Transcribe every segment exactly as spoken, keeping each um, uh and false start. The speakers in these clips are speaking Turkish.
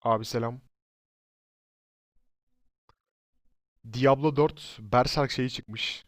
Abi selam. Diablo dört Berserk şeyi çıkmış.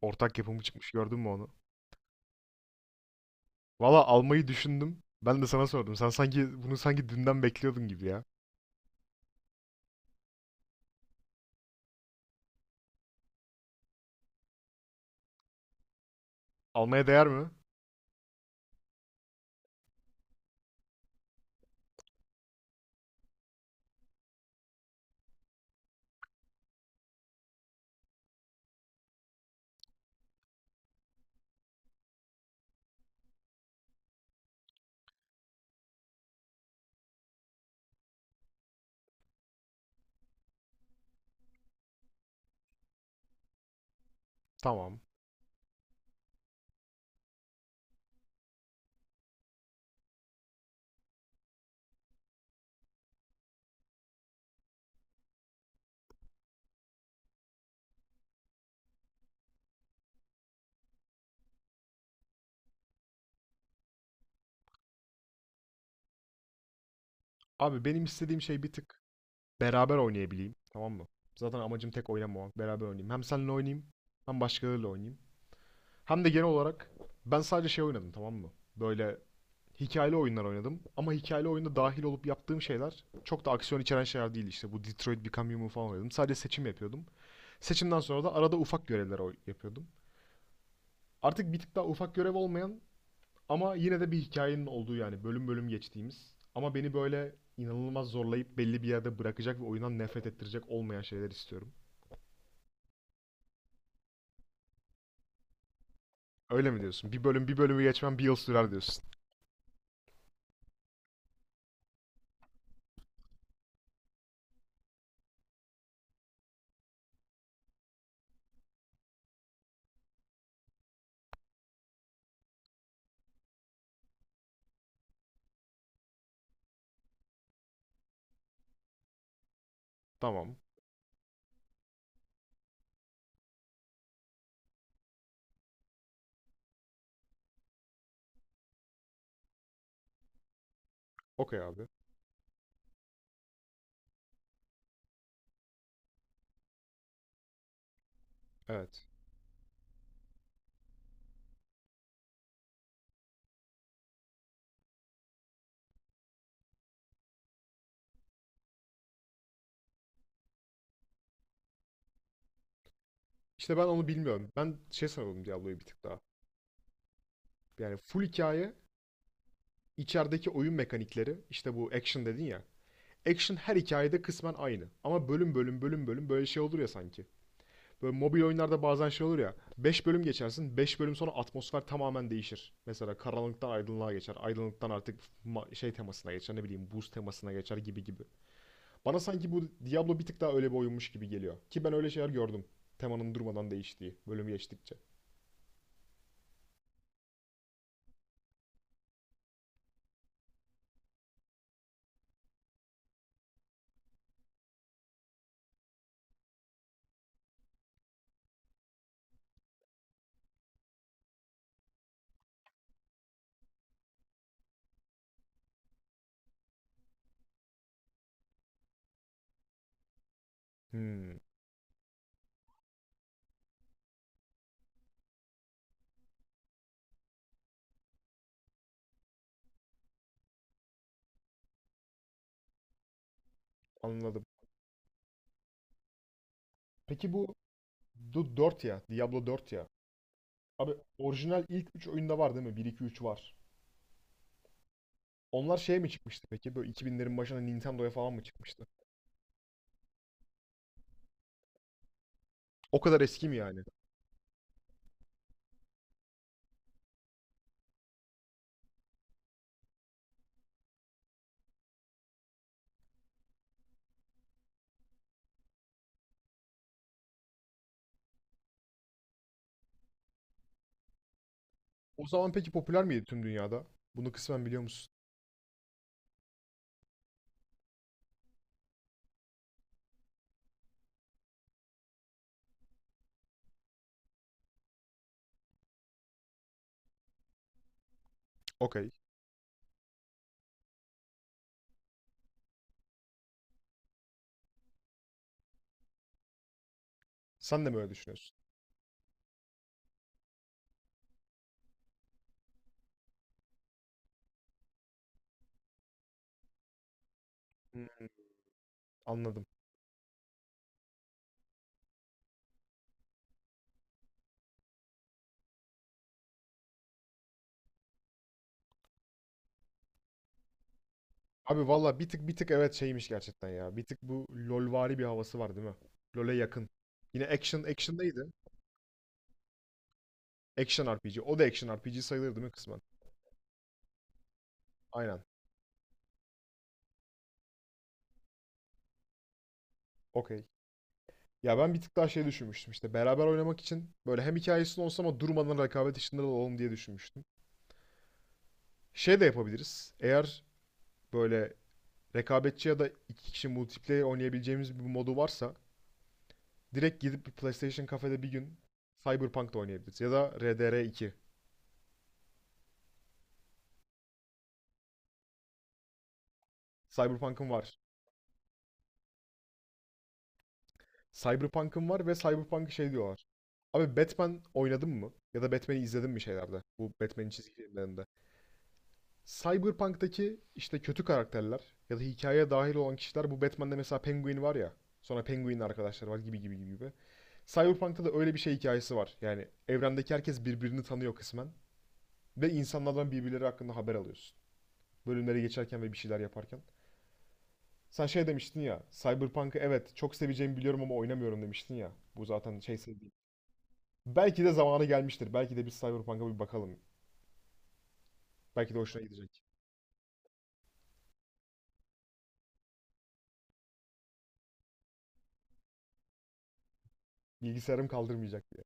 Ortak yapımı çıkmış. Gördün mü onu? Valla almayı düşündüm. Ben de sana sordum. Sen sanki bunu sanki dünden bekliyordun gibi ya. Almaya değer mi? Tamam. Abi benim istediğim şey bir tık beraber oynayabileyim. Tamam mı? Zaten amacım tek oynamamak. Beraber oynayayım. Hem seninle oynayayım, hem başkalarıyla oynayayım. Hem de genel olarak ben sadece şey oynadım, tamam mı? Böyle hikayeli oyunlar oynadım. Ama hikayeli oyunda dahil olup yaptığım şeyler çok da aksiyon içeren şeyler değil işte. Bu Detroit Become Human falan oynadım. Sadece seçim yapıyordum. Seçimden sonra da arada ufak görevler yapıyordum. Artık bir tık daha ufak görev olmayan ama yine de bir hikayenin olduğu, yani bölüm bölüm geçtiğimiz ama beni böyle inanılmaz zorlayıp belli bir yerde bırakacak ve oyundan nefret ettirecek olmayan şeyler istiyorum. Öyle mi diyorsun? Bir bölüm bir bölümü geçmem bir yıl sürer diyorsun. Tamam. Okey abi. Evet. İşte ben onu bilmiyorum. Ben şey sanıyordum Diablo'yu, bir tık daha. Yani full hikaye, içerideki oyun mekanikleri, işte bu action dedin ya. Action her hikayede kısmen aynı. Ama bölüm bölüm bölüm bölüm böyle şey olur ya sanki. Böyle mobil oyunlarda bazen şey olur ya. Beş bölüm geçersin. Beş bölüm sonra atmosfer tamamen değişir. Mesela karanlıktan aydınlığa geçer. Aydınlıktan artık şey temasına geçer. Ne bileyim, buz temasına geçer gibi gibi. Bana sanki bu Diablo bir tık daha öyle bir oyunmuş gibi geliyor. Ki ben öyle şeyler gördüm. Temanın durmadan değiştiği bölüm geçtikçe. Hmm, anladım. Peki bu du- dört ya. Diablo Dört ya. Abi orijinal ilk üç oyunda var değil mi? Bir iki üç var. Onlar şeye mi çıkmıştı peki? Böyle iki binlerin başına Nintendo'ya falan mı çıkmıştı? O kadar eski mi yani? O zaman peki popüler miydi tüm dünyada? Bunu kısmen biliyor musun? Okey. Sen de mi öyle düşünüyorsun? Hmm, anladım. Abi valla bir tık bir tık evet şeymiş gerçekten ya. Bir tık bu LoLvari bir havası var değil mi? LoL'e yakın. Yine action action neydi? Action R P G. O da action R P G sayılır değil mi kısmen? Aynen. Okey. Ya ben bir tık daha şey düşünmüştüm işte, beraber oynamak için böyle hem hikayesini olsa ama durmadan rekabet içinde de olalım diye düşünmüştüm. Şey de yapabiliriz. Eğer böyle rekabetçi ya da iki kişi multiplayer oynayabileceğimiz bir modu varsa, direkt gidip bir PlayStation kafede bir gün Cyberpunk da oynayabiliriz. Ya da R D R iki. Cyberpunk'ın var. Cyberpunk'ın var ve Cyberpunk şey diyorlar. Abi Batman oynadın mı? Ya da Batman'i izledin mi şeylerde? Bu Batman'in çizgi filmlerinde. Cyberpunk'taki işte kötü karakterler ya da hikayeye dahil olan kişiler, bu Batman'de mesela Penguin var ya. Sonra Penguin'in arkadaşları var gibi gibi gibi gibi. Cyberpunk'ta da öyle bir şey hikayesi var. Yani evrendeki herkes birbirini tanıyor kısmen. Ve insanlardan birbirleri hakkında haber alıyorsun. Bölümleri geçerken ve bir şeyler yaparken. Sen şey demiştin ya, Cyberpunk'ı evet çok seveceğimi biliyorum ama oynamıyorum demiştin ya. Bu zaten şey sevdiğim. Belki de zamanı gelmiştir. Belki de biz Cyberpunk'a bir bakalım. Belki de hoşuna gidecek. Bilgisayarım kaldırmayacak diye.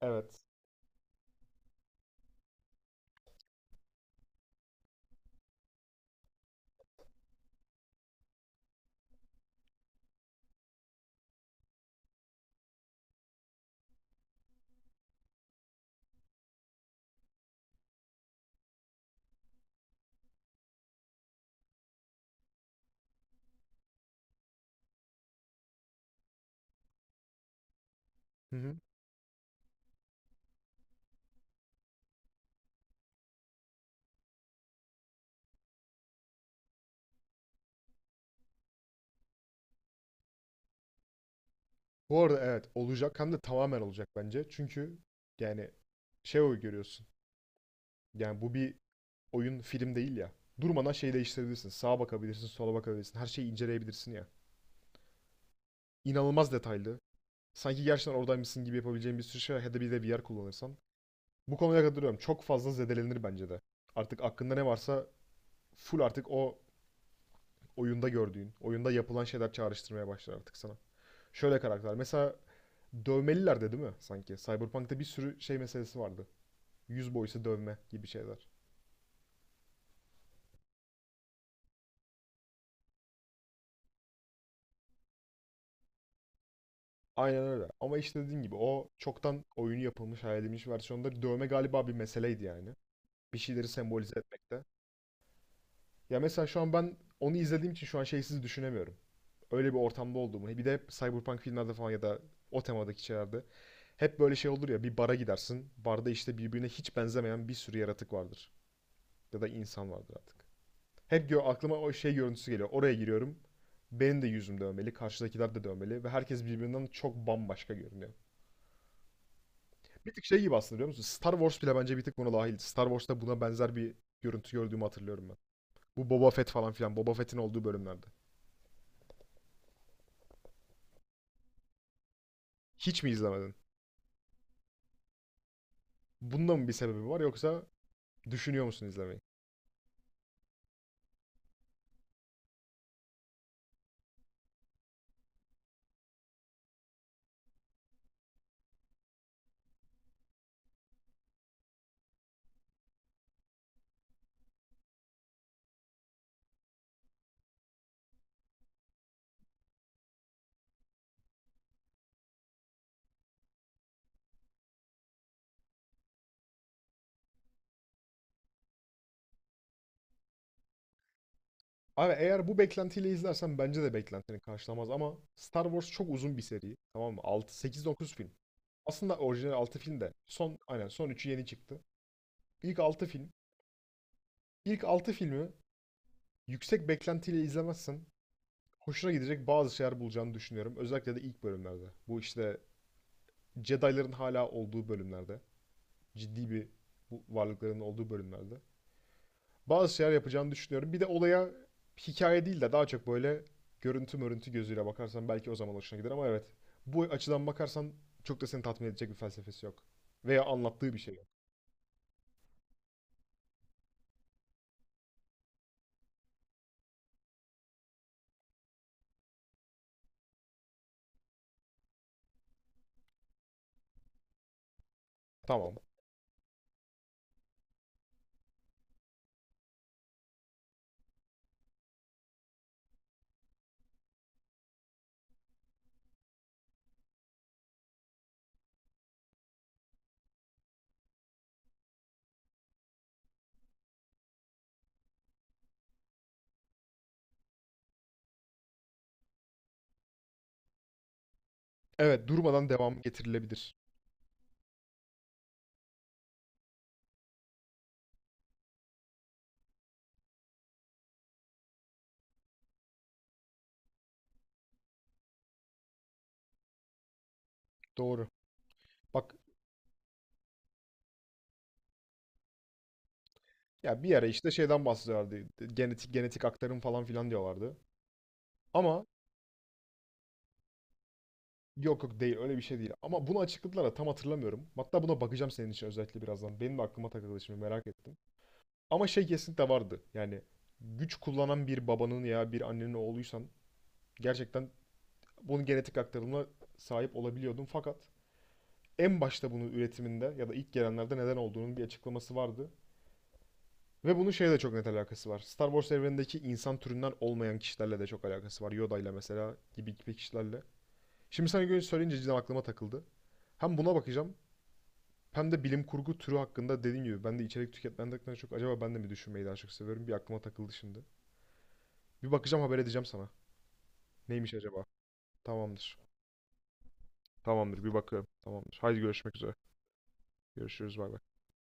Evet. Hı hı. Bu arada evet olacak, hem de tamamen olacak bence. Çünkü yani şey o görüyorsun. Yani bu bir oyun, film değil ya. Durmadan şey değiştirebilirsin. Sağa bakabilirsin, sola bakabilirsin. Her şeyi inceleyebilirsin ya. İnanılmaz detaylı. Sanki gerçekten oradaymışsın gibi yapabileceğin bir sürü şey var. Ya da bir de V R kullanırsan. Bu konuya katılıyorum. Çok fazla zedelenir bence de. Artık aklında ne varsa, full artık o oyunda gördüğün, oyunda yapılan şeyler çağrıştırmaya başlar artık sana. Şöyle karakter. Mesela dövmeliler de değil mi sanki? Cyberpunk'ta bir sürü şey meselesi vardı. Yüz boyası, dövme gibi şeyler. Aynen öyle. Ama işte dediğim gibi, o çoktan oyunu yapılmış, hayal edilmiş versiyonda dövme galiba bir meseleydi yani. Bir şeyleri sembolize etmekte. Ya mesela şu an ben onu izlediğim için şu an şeysiz düşünemiyorum. Öyle bir ortamda olduğumu. Bir de Cyberpunk filmlerde falan ya da o temadaki şeylerde, hep böyle şey olur ya, bir bara gidersin. Barda işte birbirine hiç benzemeyen bir sürü yaratık vardır. Ya da insan vardır artık. Hep gö aklıma o şey görüntüsü geliyor. Oraya giriyorum. Benim de yüzüm dövmeli, karşıdakiler de dövmeli ve herkes birbirinden çok bambaşka görünüyor. Bir tık şey gibi aslında, biliyor musun? Star Wars bile bence bir tık buna dahil. Star Wars'ta buna benzer bir görüntü gördüğümü hatırlıyorum ben. Bu Boba Fett falan filan. Boba Fett'in olduğu bölümlerde. Hiç mi izlemedin? Bunda mı bir sebebi var, yoksa düşünüyor musun izlemeyi? Abi eğer bu beklentiyle izlersen bence de beklentini karşılamaz ama Star Wars çok uzun bir seri. Tamam mı? altı, sekiz, dokuz film. Aslında orijinal altı film de, son aynen son üçü yeni çıktı. İlk altı film. İlk altı filmi yüksek beklentiyle izlemezsen hoşuna gidecek bazı şeyler bulacağını düşünüyorum. Özellikle de ilk bölümlerde. Bu işte Jedi'ların hala olduğu bölümlerde. Ciddi bir, bu varlıkların olduğu bölümlerde. Bazı şeyler yapacağını düşünüyorum. Bir de olaya hikaye değil de daha çok böyle görüntü mörüntü gözüyle bakarsan belki o zaman hoşuna gider ama evet. Bu açıdan bakarsan çok da seni tatmin edecek bir felsefesi yok. Veya anlattığı bir şey yok. Tamam. Evet, durmadan devam getirilebilir. Doğru. Bak, ya bir ara işte şeyden bahsediyorlardı. Genetik genetik aktarım falan filan diyorlardı. Ama yok yok, değil öyle bir şey değil. Ama bunu açıkladılar da tam hatırlamıyorum. Hatta buna bakacağım senin için özellikle birazdan. Benim de aklıma takıldı şimdi, merak ettim. Ama şey kesinlikle vardı. Yani güç kullanan bir babanın ya bir annenin oğluysan, gerçekten bunun genetik aktarımına sahip olabiliyordun. Fakat en başta bunun üretiminde ya da ilk gelenlerde neden olduğunun bir açıklaması vardı. Ve bunun şeyle de çok net alakası var. Star Wars evrenindeki insan türünden olmayan kişilerle de çok alakası var. Yoda ile mesela, gibi gibi kişilerle. Şimdi sana göre söyleyince cidden aklıma takıldı. Hem buna bakacağım hem de bilim kurgu türü hakkında dediğim gibi, ben de içerik tüketmenden çok acaba ben de mi düşünmeyi daha çok seviyorum, bir aklıma takıldı şimdi. Bir bakacağım, haber edeceğim sana. Neymiş acaba? Tamamdır. Tamamdır, bir bakıyorum. Tamamdır. Haydi görüşmek üzere. Görüşürüz, bay bay.